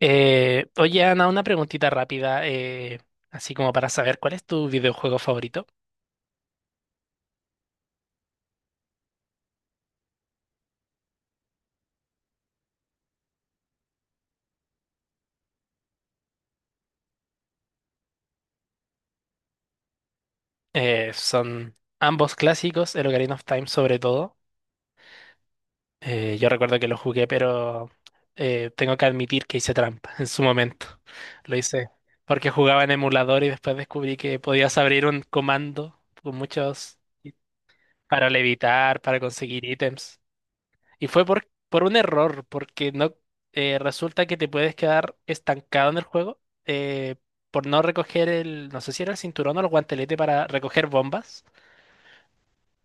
Oye, Ana, una preguntita rápida, así como para saber cuál es tu videojuego favorito. Son ambos clásicos, el Ocarina of Time sobre todo. Yo recuerdo que lo jugué, pero tengo que admitir que hice trampa en su momento. Lo hice porque jugaba en emulador y después descubrí que podías abrir un comando con muchos para levitar, para conseguir ítems. Y fue por un error, porque no resulta que te puedes quedar estancado en el juego por no recoger el, no sé si era el cinturón o el guantelete para recoger bombas.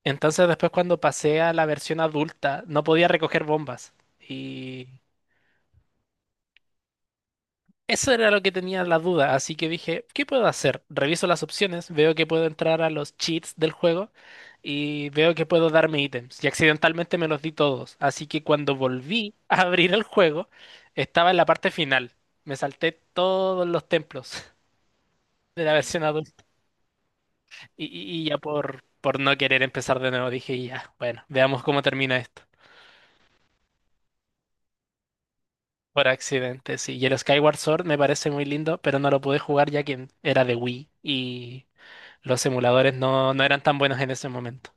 Entonces después cuando pasé a la versión adulta no podía recoger bombas. Y eso era lo que tenía la duda, así que dije, ¿qué puedo hacer? Reviso las opciones, veo que puedo entrar a los cheats del juego y veo que puedo darme ítems. Y accidentalmente me los di todos, así que cuando volví a abrir el juego, estaba en la parte final. Me salté todos los templos de la versión adulta y ya por no querer empezar de nuevo dije, ya, bueno, veamos cómo termina esto. Por accidente, sí. Y el Skyward Sword me parece muy lindo, pero no lo pude jugar ya que era de Wii y... Los emuladores no eran tan buenos en ese momento.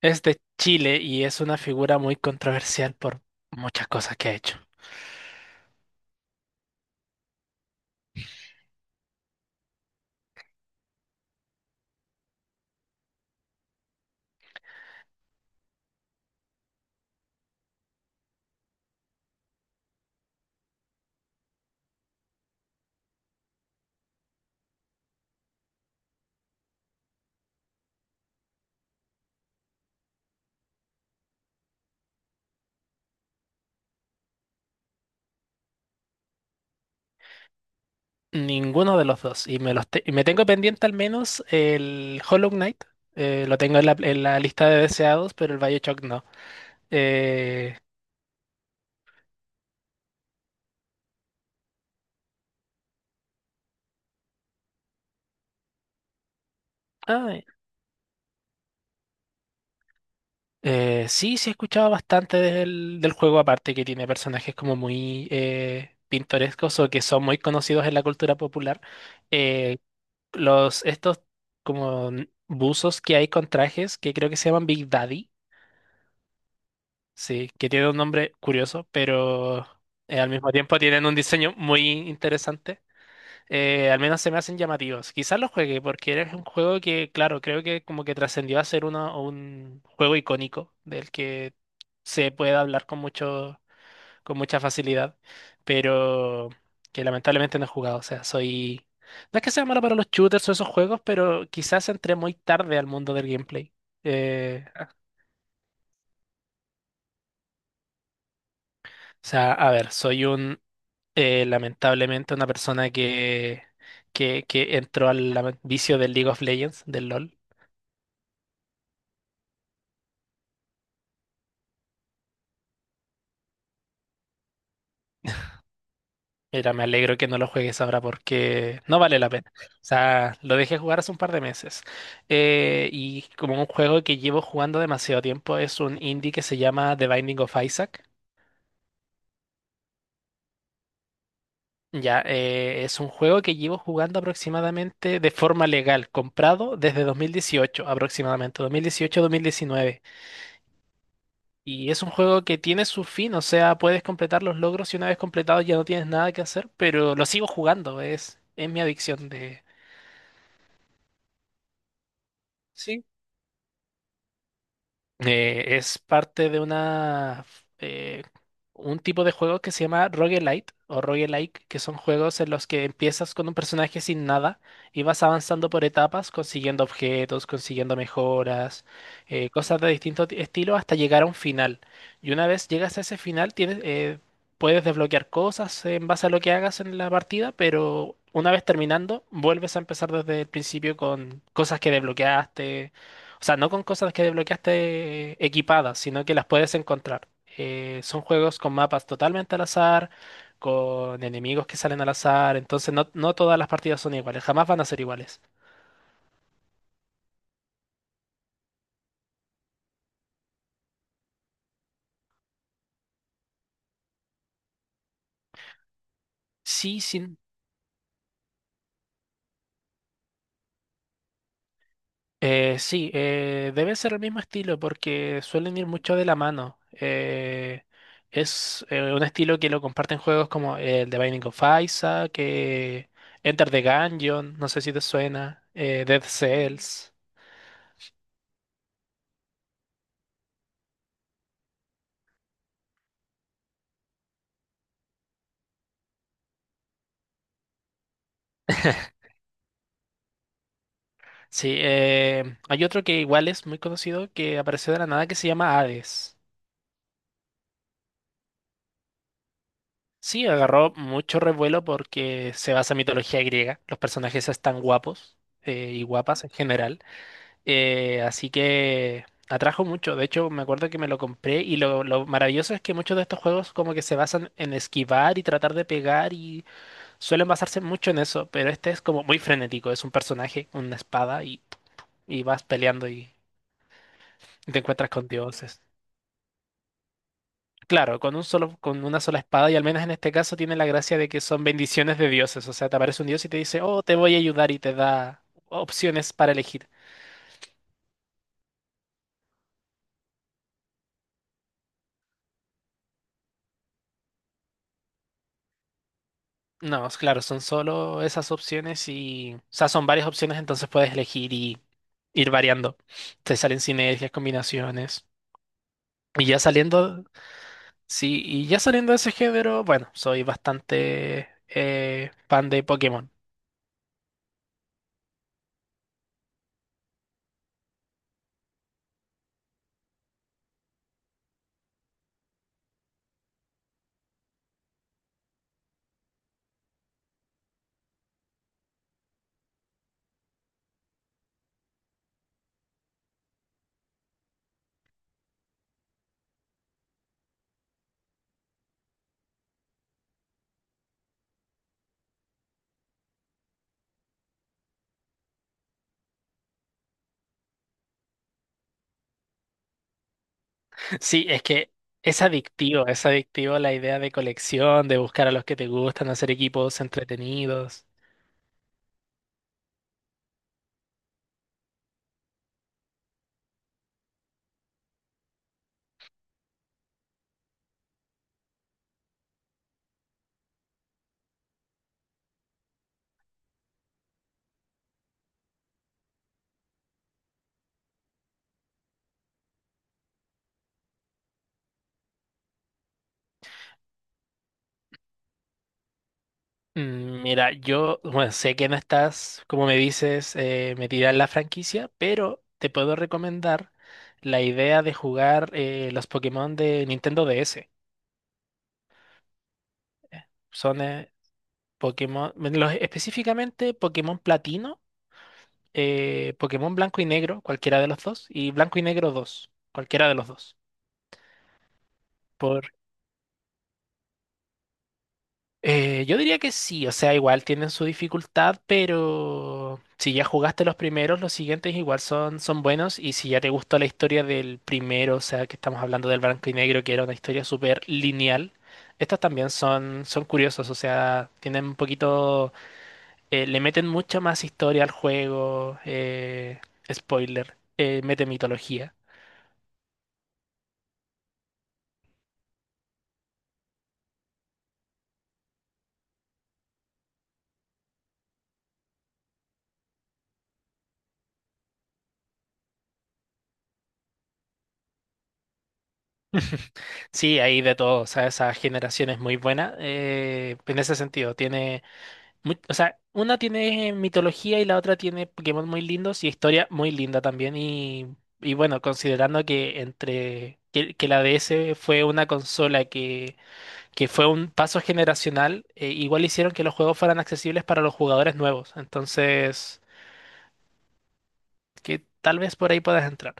Es de Chile y es una figura muy controversial por muchas cosas que ha hecho. Ninguno de los dos. Y me tengo pendiente al menos el Hollow Knight. Lo tengo en en la lista de deseados, pero el BioShock no. Eh, ay, sí, sí he escuchado bastante del juego, aparte que tiene personajes como muy pintorescos o que son muy conocidos en la cultura popular. Eh, Estos como buzos que hay con trajes que creo que se llaman Big Daddy, sí, que tiene un nombre curioso, pero al mismo tiempo tienen un diseño muy interesante. Al menos se me hacen llamativos. Quizás lo juegue porque es un juego que, claro, creo que como que trascendió a ser un juego icónico del que se puede hablar con mucho con mucha facilidad, pero que lamentablemente no he jugado. O sea, soy... No es que sea malo para los shooters o esos juegos, pero quizás entré muy tarde al mundo del gameplay. Eh, o a ver, soy un... Lamentablemente una persona que entró al vicio del League of Legends, del LOL. Mira, me alegro que no lo juegues ahora porque no vale la pena. O sea, lo dejé jugar hace un par de meses. Y como un juego que llevo jugando demasiado tiempo, es un indie que se llama The Binding of Isaac. Ya, es un juego que llevo jugando aproximadamente de forma legal, comprado desde 2018, aproximadamente, 2018-2019. Y es un juego que tiene su fin, o sea, puedes completar los logros y una vez completados ya no tienes nada que hacer, pero lo sigo jugando, es mi adicción de... sí. Es parte de una eh, un tipo de juego que se llama roguelite o roguelike, que son juegos en los que empiezas con un personaje sin nada y vas avanzando por etapas, consiguiendo objetos, consiguiendo mejoras, cosas de distinto estilo hasta llegar a un final. Y una vez llegas a ese final, puedes desbloquear cosas en base a lo que hagas en la partida, pero una vez terminando, vuelves a empezar desde el principio con cosas que desbloqueaste, o sea, no con cosas que desbloqueaste equipadas, sino que las puedes encontrar. Son juegos con mapas totalmente al azar, con enemigos que salen al azar, entonces no todas las partidas son iguales, jamás van a ser iguales. Sí, sí, sí, debe ser el mismo estilo porque suelen ir mucho de la mano. Es Un estilo que lo comparten juegos como el The Binding of Isaac, que Enter the Gungeon, no sé si te suena, Dead Cells. Sí, hay otro que igual es muy conocido que apareció de la nada que se llama Hades. Sí, agarró mucho revuelo porque se basa en mitología griega. Los personajes están guapos y guapas en general. Así que atrajo mucho. De hecho, me acuerdo que me lo compré y lo maravilloso es que muchos de estos juegos como que se basan en esquivar y tratar de pegar y suelen basarse mucho en eso. Pero este es como muy frenético. Es un personaje, una espada y vas peleando y te encuentras con dioses. Claro, con una sola espada, y al menos en este caso tiene la gracia de que son bendiciones de dioses. O sea, te aparece un dios y te dice, oh, te voy a ayudar y te da opciones para elegir. No, es claro, son solo esas opciones y, o sea, son varias opciones, entonces puedes elegir y ir variando. Te salen sinergias, combinaciones. Y ya saliendo, sí, y ya saliendo de ese género, bueno, soy bastante fan de Pokémon. Sí, es que es adictivo la idea de colección, de buscar a los que te gustan, hacer equipos entretenidos. Mm, mira, yo, bueno, sé que no estás, como me dices, metida en la franquicia, pero te puedo recomendar la idea de jugar los Pokémon de Nintendo DS. Son Pokémon, bueno, específicamente Pokémon Platino, Pokémon Blanco y Negro, cualquiera de los dos, y Blanco y Negro 2, cualquiera de los dos. Yo diría que sí, o sea, igual tienen su dificultad, pero si ya jugaste los primeros, los siguientes igual son buenos y si ya te gustó la historia del primero, o sea, que estamos hablando del blanco y negro, que era una historia súper lineal, estas también son curiosos, o sea, tienen un poquito, le meten mucha más historia al juego, spoiler, mete mitología. Sí, hay de todo, o sea, esa generación es muy buena, en ese sentido, tiene... O sea, una tiene mitología y la otra tiene Pokémon muy lindos y historia muy linda también. Y bueno, considerando que que la DS fue una consola que fue un paso generacional, igual hicieron que los juegos fueran accesibles para los jugadores nuevos. Entonces, que tal vez por ahí puedas entrar.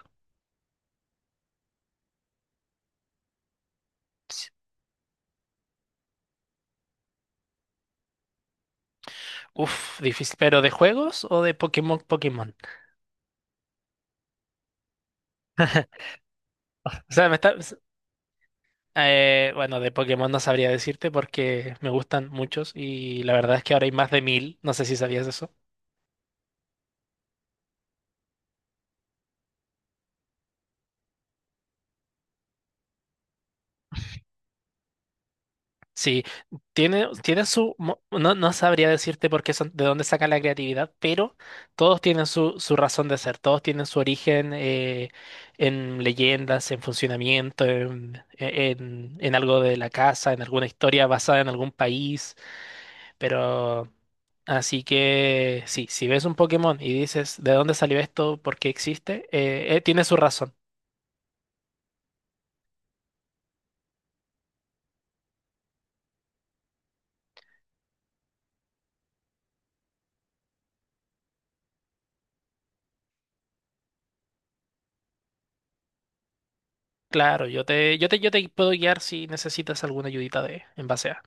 Uf, difícil. ¿Pero de juegos o de Pokémon? O sea, eh, bueno, de Pokémon no sabría decirte porque me gustan muchos y la verdad es que ahora hay más de 1000. No sé si sabías eso. Sí, tiene su... No, no sabría decirte por qué son, de dónde sacan la creatividad, pero todos tienen su razón de ser, todos tienen su origen en leyendas, en funcionamiento, en algo de la casa, en alguna historia basada en algún país. Pero así que sí, si ves un Pokémon y dices ¿de dónde salió esto? ¿Por qué existe? Tiene su razón. Claro, yo te puedo guiar si necesitas alguna ayudita de en base a.